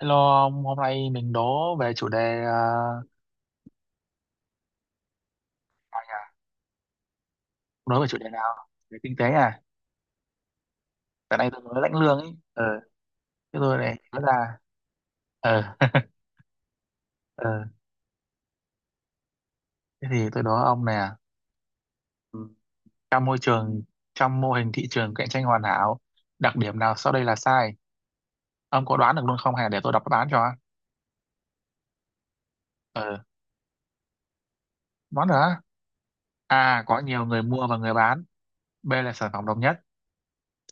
Hello ông, hôm nay mình đố về chủ đề đố về chủ đề nào? Về kinh tế à? Tại nay tôi mới lãnh lương ấy. Ờ, thế tôi này nói ra. Ờ, ờ. Thế thì tôi đố ông nè. Ừ. Trong môi trường, trong mô hình thị trường cạnh tranh hoàn hảo, đặc điểm nào sau đây là sai? Ông có đoán được luôn không? Hay để tôi đọc đáp án cho? Ờ, đoán được á? A. Có nhiều người mua và người bán. B là sản phẩm đồng nhất.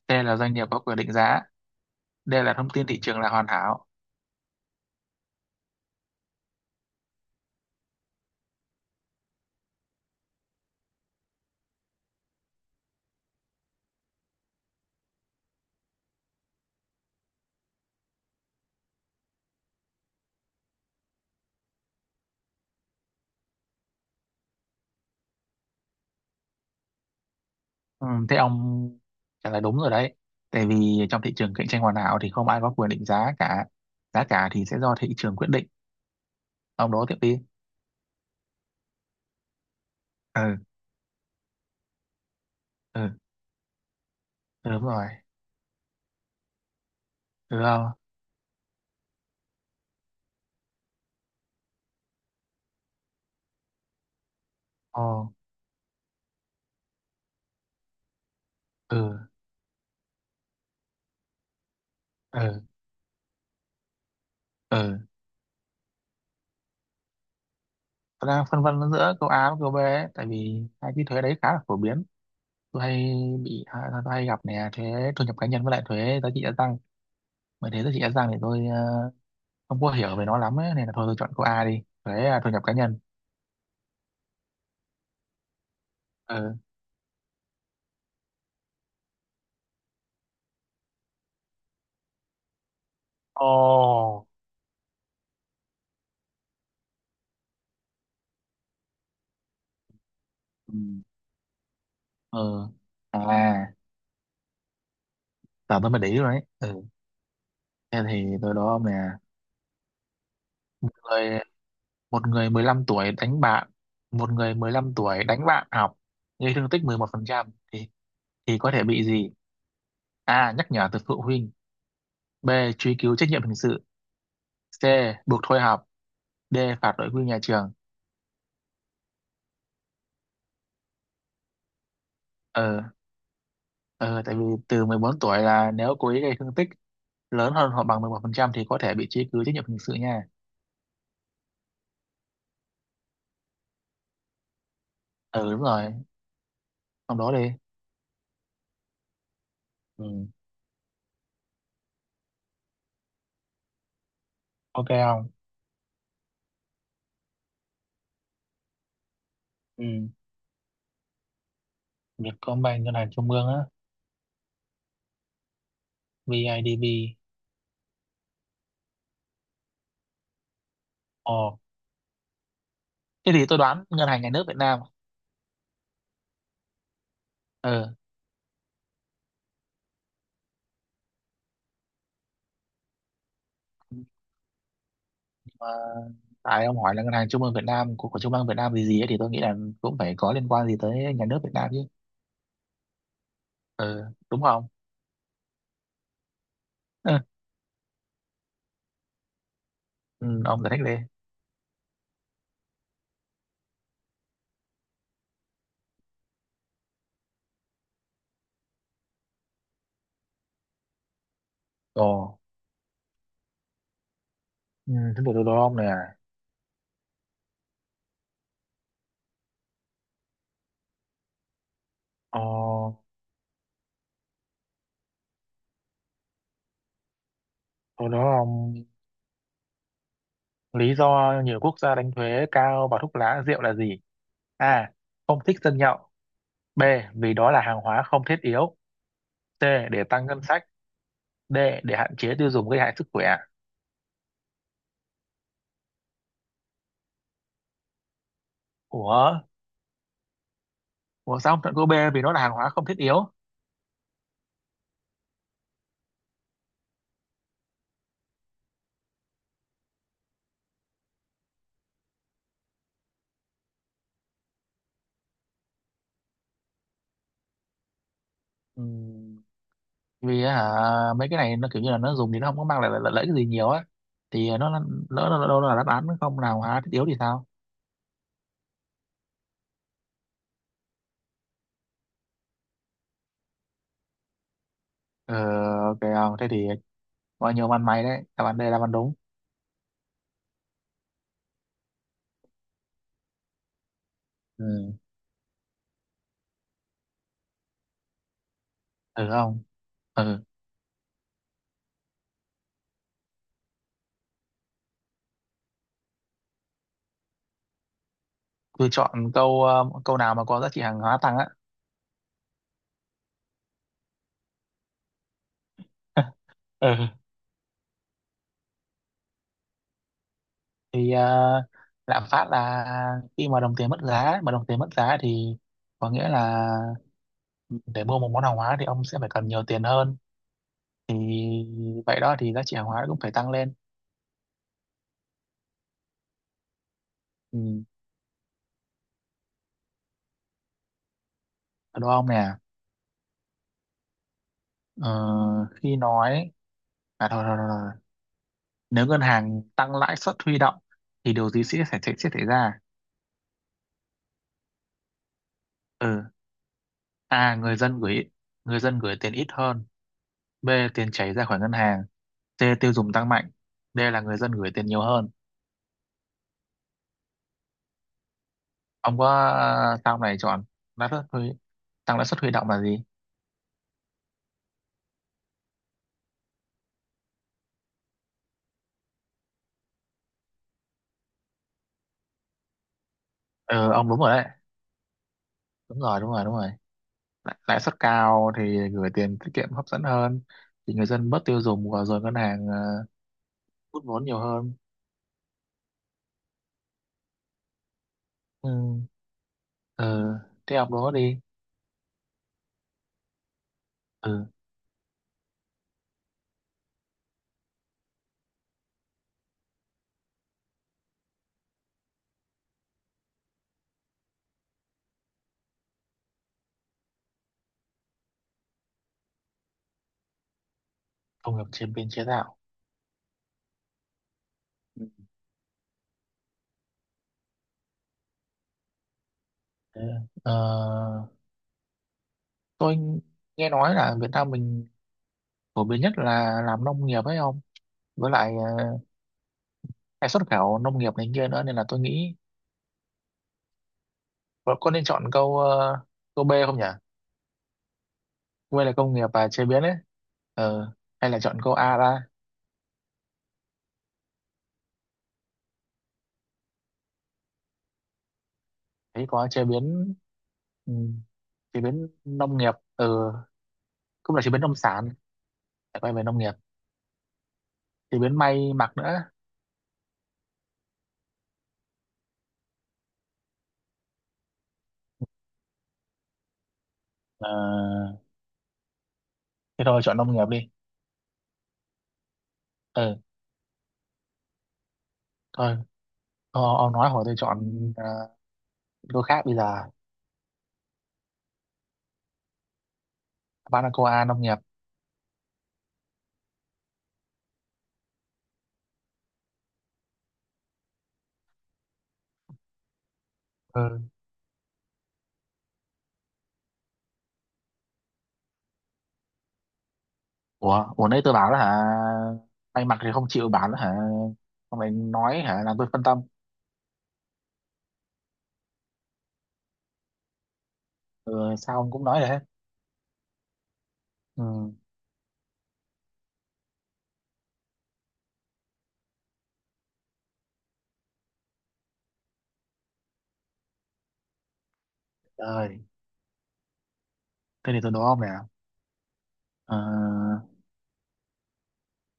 C là doanh nghiệp có quyền định giá. D là thông tin thị trường là hoàn hảo. Ừ, thế ông trả lời đúng rồi đấy. Tại vì trong thị trường cạnh tranh hoàn hảo thì không ai có quyền định giá cả. Giá cả thì sẽ do thị trường quyết định. Ông đố tiếp đi. Ừ, ừ, ừ, đúng rồi. Ừ, không? Ồ, ừ, ừ, ừ. Tôi đang phân vân giữa câu A với câu B ấy, tại vì hai cái thuế đấy khá là phổ biến. Tôi hay bị, à, tôi hay gặp nè, thuế thu nhập cá nhân với lại thuế giá trị gia tăng. Mà thuế giá trị gia tăng thì tôi không có hiểu về nó lắm ấy, nên là thôi tôi chọn câu A đi. Thuế à, thu nhập cá nhân. Ừ. Ồ. Ừ. Ừ, à, tao tao mới để ý rồi đấy. Ừ, thế thì tôi đó nè. Người, một người 15 tuổi đánh bạn, một người 15 tuổi đánh bạn học, gây thương tích mười một phần trăm thì có thể bị gì? A, nhắc nhở từ phụ huynh. B, truy cứu trách nhiệm hình sự. C, buộc thôi học. D, phạt đội quy nhà trường. ờ ờ tại vì từ 14 tuổi là nếu cố ý gây thương tích lớn hơn hoặc bằng 11% thì có thể bị truy cứu trách nhiệm hình sự nha. Ừ, đúng rồi, trong đó đi. Ừ, ok không? Ừ. Vietcombank ngân hàng trung ương á. BIDV. Ồ, thế thì tôi đoán ngân hàng nhà nước Việt Nam. Ờ mà tại ông hỏi là ngân hàng trung ương Việt Nam của trung ương Việt Nam gì gì ấy, thì tôi nghĩ là cũng phải có liên quan gì tới nhà nước Việt Nam chứ. Ờ đúng không? Ừ, ừ, ông giải thích đi. Ồ. Ừ, thế thì tôi đố ông này à. ờ tôi đố ông, lý do nhiều quốc gia đánh thuế cao vào thuốc lá rượu là gì? A, không thích dân nhậu. B, vì đó là hàng hóa không thiết yếu. C, để tăng ngân sách. D. Để hạn chế tiêu dùng gây hại sức khỏe. Ủa? Ủa sao không chọn câu B vì nó là hàng hóa không thiết yếu? Ừm, vì hả, mấy cái này nó kiểu như là nó dùng thì nó không có mang lại lợi, lợi, lợi ích gì nhiều á. Thì nó là- lỡ nó đâu là đáp án không là hàng hóa thiết yếu thì sao? Ờ, ok không? Thế thì bao nhiêu ăn mày đấy. Đáp án D là đáp án đúng. Ừ. Ừ không? Ừ. Tôi chọn câu câu nào mà có giá trị hàng hóa tăng á. Ừ. Thì lạm phát là khi mà đồng tiền mất giá, mà đồng tiền mất giá thì có nghĩa là để mua một món hàng hóa thì ông sẽ phải cần nhiều tiền hơn, thì vậy đó thì giá trị hàng hóa cũng phải tăng lên. Ừ, đúng không nè? ờ, khi nói à, thôi, thôi, thôi, thôi. Nếu ngân hàng tăng lãi suất huy động thì điều gì sẽ xảy ra? Ừ. A, người dân gửi tiền ít hơn. B, tiền chảy ra khỏi ngân hàng. C, tiêu dùng tăng mạnh. D là người dân gửi tiền nhiều hơn. Ông có sao này chọn lãi suất huy tăng lãi suất huy động là gì? Ừ, ông đúng rồi đấy. Đúng rồi, đúng rồi. Lãi Lãi suất cao thì gửi tiền tiết kiệm hấp dẫn hơn, thì người dân bớt tiêu dùng và rồi ngân hàng hút vốn nhiều hơn. Ừ. Ừ, thế học đó đi. Ừ. Công nghiệp chế biến chế tạo. Ừ. Ừ. Ờ, tôi nghe nói là Việt Nam mình phổ biến nhất là làm nông nghiệp ấy không, với lại hay xuất khẩu nông nghiệp này kia nữa nên là tôi nghĩ bọn con nên chọn câu câu B không nhỉ? Quê là công nghiệp và chế biến ấy. Ờ, hay là chọn câu A ra? Thấy có chế biến. Ừ, chế biến nông nghiệp. Ừ, cũng là chế biến nông sản, lại quay về nông nghiệp, chế biến may mặc nữa. Ờ, thế thôi chọn nông nghiệp đi. Ừ, thôi, ông nói hồi tôi chọn ờ, đôi khác bây giờ. Banacoa nông nghiệp. Ừ. Ủa, ủa nãy tôi bảo đó hả? May mặc thì không chịu bảo đó hả, ông lại nói hả làm tôi phân tâm. Ừ, sao ông cũng nói đấy. Ừ, rồi, thế thì tôi đố ông nè. Ờ,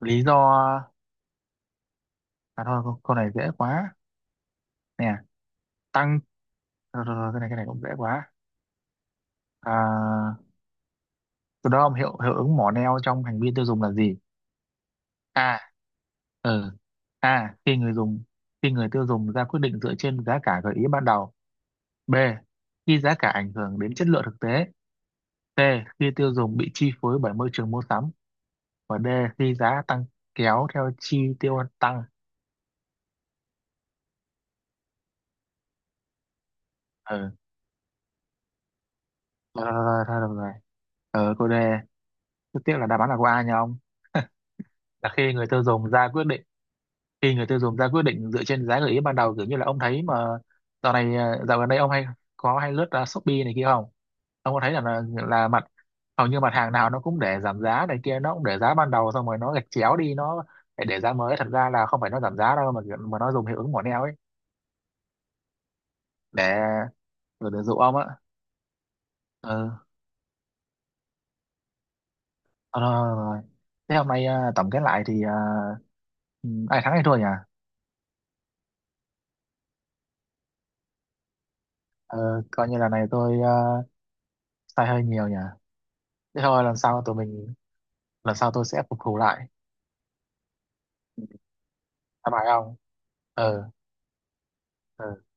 lý do à thôi, câu câu này dễ quá. Nè, tăng, rồi, rồi, rồi, cái này cũng dễ quá. À, từ đó ông hiệu hiệu ứng mỏ neo trong hành vi tiêu dùng là gì? A. Ờ. A. Khi người tiêu dùng ra quyết định dựa trên giá cả gợi ý ban đầu. B. Khi giá cả ảnh hưởng đến chất lượng thực tế. C. Khi tiêu dùng bị chi phối bởi môi trường mua sắm. Và D. Khi giá tăng kéo theo chi tiêu tăng. Ờ. Ờ, thôi được rồi. Ờ, cô D. Rất tiếc là đáp án là cô A nha ông. Là khi người tiêu dùng ra quyết định Khi người tiêu dùng ra quyết định dựa trên giá gợi ý ban đầu, kiểu như là ông thấy mà dạo này à, dạo gần đây ông hay có hay lướt à, Shopee này kia không? Ông có thấy là mặt hầu như mặt hàng nào nó cũng để giảm giá này kia, nó cũng để giá ban đầu xong rồi nó gạch chéo đi, nó để giá mới, thật ra là không phải nó giảm giá đâu mà nó dùng hiệu ứng mỏ neo ấy, để để dụ ông á. Ừ. Ờ, rồi, rồi. Thế hôm nay à, tổng kết lại thì à, ừ, ai thắng ai thua nhỉ? Ờ, coi như là này tôi à, sai hơi nhiều nhỉ. Thế thôi lần sau tôi sẽ phục thù lại. Hà Nội không? Ừ. Ừ.